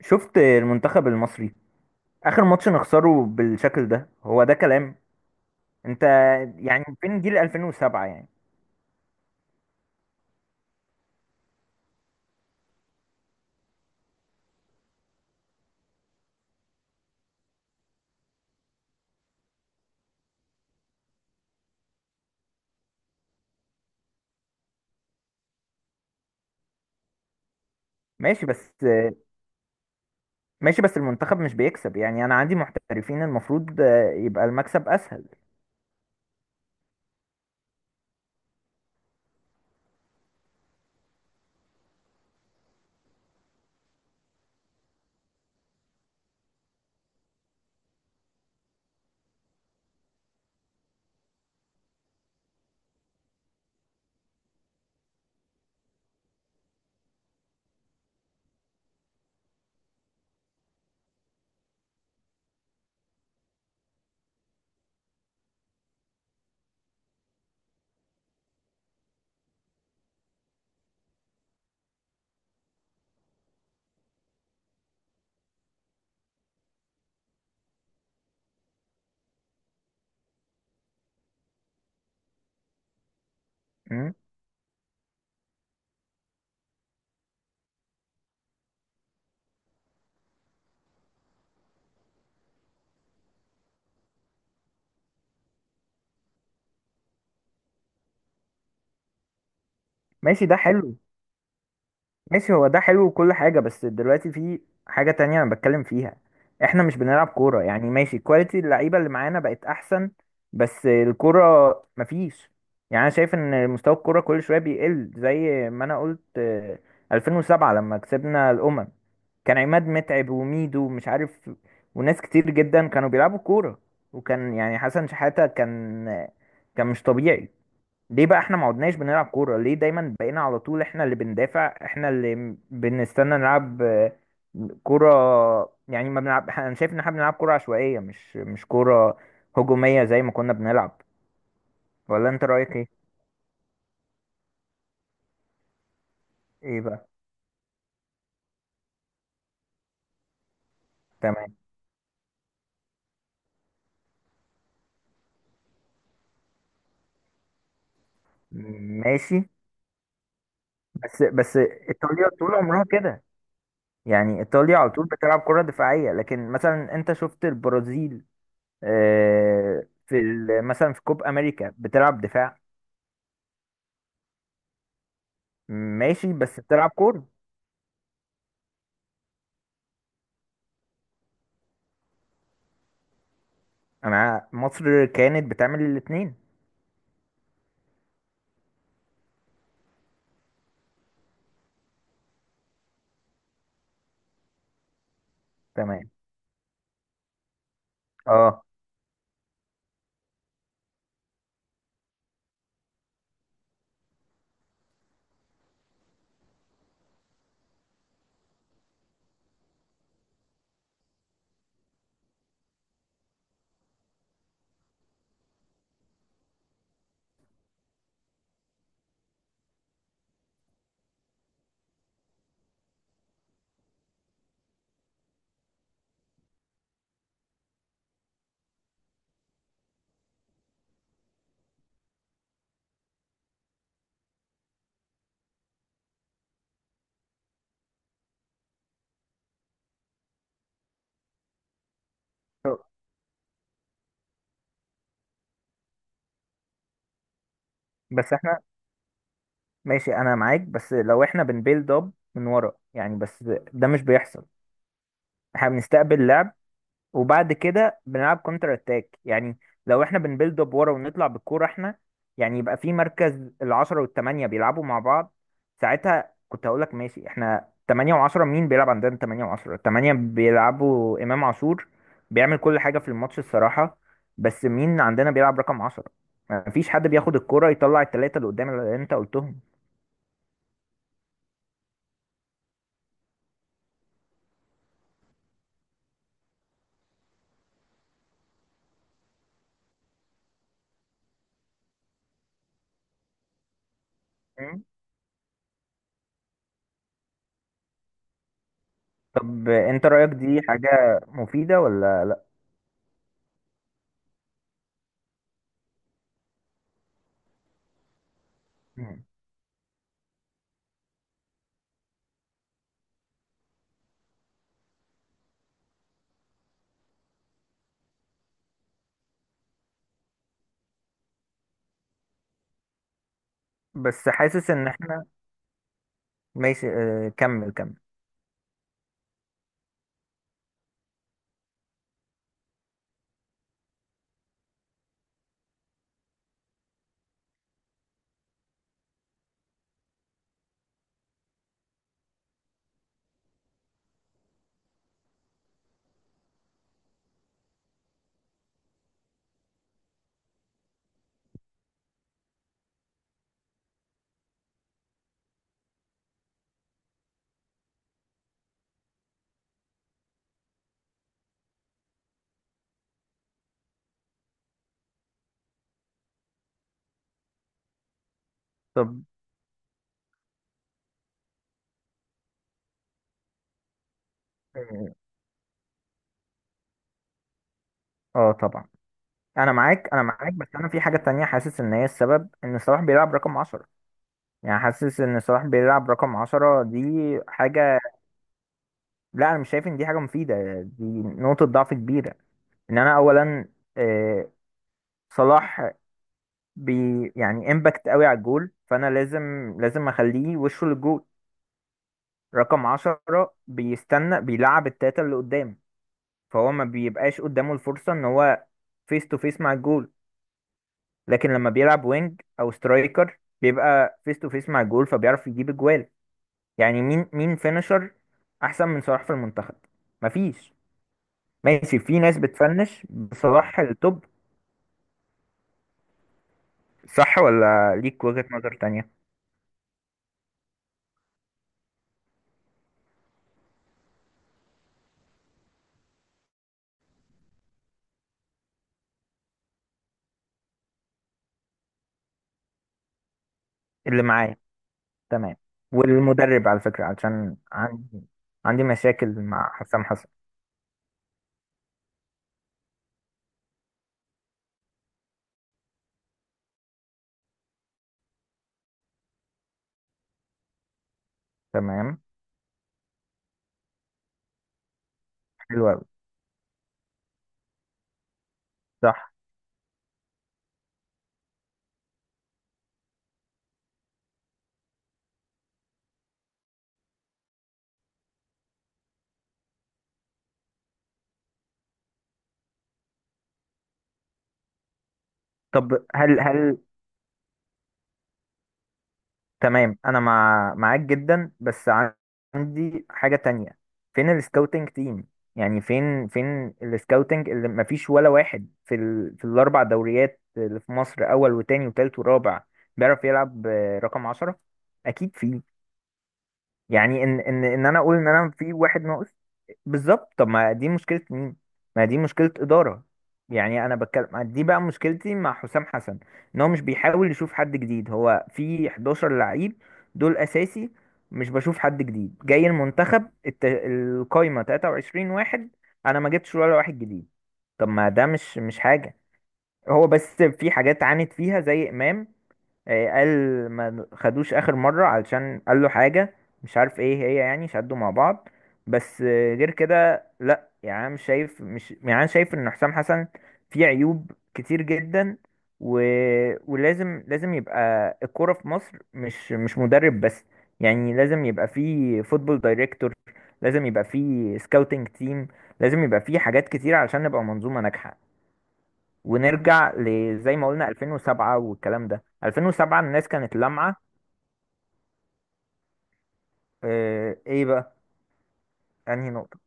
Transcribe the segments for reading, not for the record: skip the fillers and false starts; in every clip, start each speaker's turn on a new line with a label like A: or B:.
A: شفت المنتخب المصري؟ اخر ماتش نخسره بالشكل ده، هو ده كلام؟ انت يعني فين جيل 2007 يعني؟ ماشي بس ماشي بس المنتخب مش بيكسب، يعني انا عندي محترفين، المفروض يبقى المكسب اسهل. أمم. ماشي ده حلو. ماشي هو ده حلو وكل حاجة، بس دلوقتي في حاجة تانية أنا بتكلم فيها. إحنا مش بنلعب كورة، يعني ماشي كواليتي اللعيبة اللي معانا بقت أحسن، بس الكورة مفيش. يعني أنا شايف إن مستوى الكورة كل شوية بيقل، زي ما أنا قلت، 2007 لما كسبنا الأمم كان عماد متعب وميدو ومش عارف، وناس كتير جدا كانوا بيلعبوا كورة. وكان يعني حسن شحاتة كان كان مش طبيعي. ليه بقى احنا ما عدناش بنلعب كورة؟ ليه دايما بقينا على طول احنا اللي بندافع، احنا اللي بنستنى نلعب كورة؟ يعني ما بنلعب، انا شايف ان احنا بنلعب كورة عشوائية، مش كورة هجومية زي ما كنا بنلعب. ولا انت رأيك ايه؟ ايه بقى؟ تمام. ماشي بس ايطاليا طول عمرها كده. يعني ايطاليا على طول بتلعب كرة دفاعية، لكن مثلا انت شفت البرازيل؟ مثلا في كوب امريكا بتلعب دفاع. ماشي بس بتلعب كورة. مصر كانت بتعمل الاتنين. تمام. اه. طب، بس احنا. ماشي انا معاك، بس لو احنا بنبيلد اب من ورا يعني، بس ده مش بيحصل. احنا بنستقبل لعب وبعد كده بنلعب كونتر اتاك يعني. لو احنا بنبيلد اب ورا ونطلع بالكوره احنا، يعني يبقى في مركز العشرة والتمانية بيلعبوا مع بعض. ساعتها كنت هقول لك ماشي، احنا تمانية وعشرة مين بيلعب؟ عندنا تمانية وعشرة؟ تمانية بيلعبوا إمام عاشور، بيعمل كل حاجة في الماتش الصراحة. بس مين عندنا بيلعب رقم عشرة؟ مفيش حد بياخد الكوره يطلع التلاتة اللي قدام اللي انت قلتهم. مم. طب انت رأيك دي حاجة مفيدة ولا لا؟ مم. بس حاسس ان احنا. ماشي اه، كمل كمل. طب. اه طبعا. انا معاك انا معاك، بس انا في حاجة تانية حاسس ان هي السبب ان صلاح بيلعب رقم عشرة. يعني حاسس ان صلاح بيلعب رقم عشرة دي حاجة. لا انا مش شايف ان دي حاجة مفيدة، دي نقطة ضعف كبيرة. ان انا اولا آه، صلاح بي يعني امباكت قوي على الجول، فانا لازم لازم اخليه وشه للجول. رقم عشرة بيستنى بيلعب التلاتة اللي قدام، فهو ما بيبقاش قدامه الفرصة ان هو فيس تو فيس مع الجول. لكن لما بيلعب وينج او سترايكر بيبقى فيس تو فيس مع الجول، فبيعرف يجيب اجوال. يعني مين فينشر احسن من صلاح في المنتخب؟ مفيش. ماشي في ناس بتفنش بصلاح التوب. صح ولا ليك وجهة نظر تانية؟ اللي معايا. تمام. والمدرب على فكرة، علشان عندي مشاكل مع حسام حسن. تمام. حلو قوي. صح. طب هل هل تمام، انا معاك جدا، بس عندي حاجة تانية. فين السكاوتنج تيم؟ يعني فين السكاوتنج اللي مفيش ولا واحد في الاربع دوريات اللي في مصر، اول وتاني وتالت ورابع، بيعرف يلعب رقم عشرة؟ اكيد فيه. يعني ان ان ان انا اقول ان انا في واحد ناقص. بالظبط. طب ما دي مشكلة مين؟ ما دي مشكلة إدارة. يعني انا بتكلم، دي بقى مشكلتي مع حسام حسن، ان هو مش بيحاول يشوف حد جديد. هو في 11 لعيب دول اساسي، مش بشوف حد جديد جاي المنتخب. القايمة 23 واحد، انا ما جبتش ولا واحد جديد. طب ما ده مش حاجة. هو بس في حاجات عانت فيها زي إمام، قال ما خدوش اخر مره علشان قال له حاجه مش عارف ايه هي، يعني شدوا مع بعض. بس غير كده لا. يعني أنا مش شايف، مش، يعني أنا شايف ان حسام حسن فيه عيوب كتير جدا. و... ولازم لازم يبقى الكوره في مصر، مش مدرب بس. يعني لازم يبقى فيه فوتبول دايركتور، لازم يبقى فيه سكاوتنج تيم، لازم يبقى فيه حاجات كتير علشان نبقى منظومه ناجحه، ونرجع لزي ما قلنا. 2007 والكلام ده، 2007 الناس كانت لامعة. ايه بقى؟ انهي نقطة؟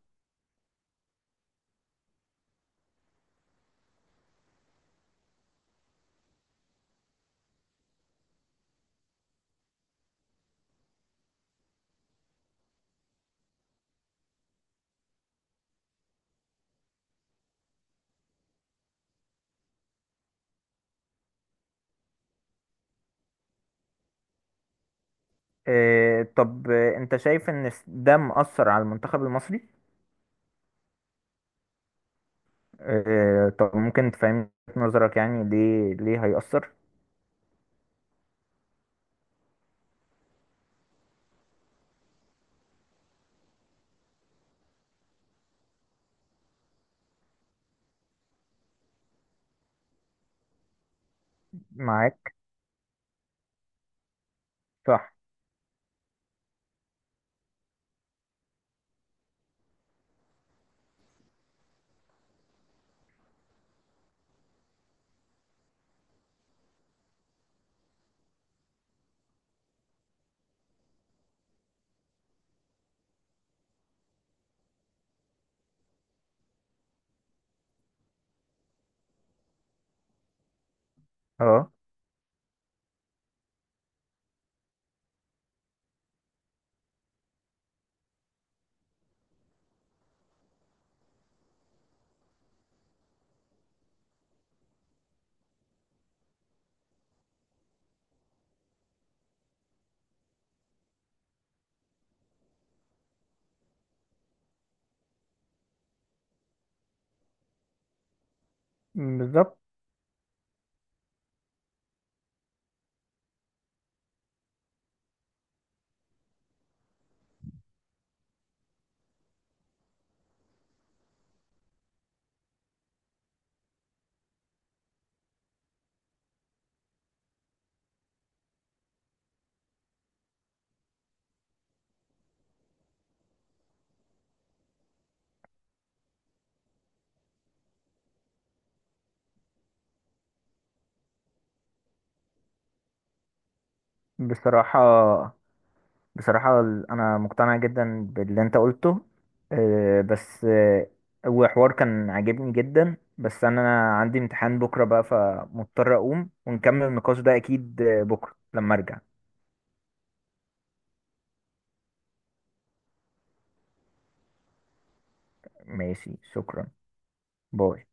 A: طب انت شايف ان ده مؤثر على المنتخب المصري؟ طب ممكن تفهم نظرك يعني، ليه هيأثر؟ معاك. صح. اه. بالظبط. بصراحة. بصراحة أنا مقتنع جدا باللي أنت قلته. آه، بس آه، هو حوار كان عاجبني جدا، بس أنا عندي امتحان بكرة بقى، فمضطر أقوم ونكمل النقاش ده أكيد بكرة لما أرجع. ماشي شكرا. باي.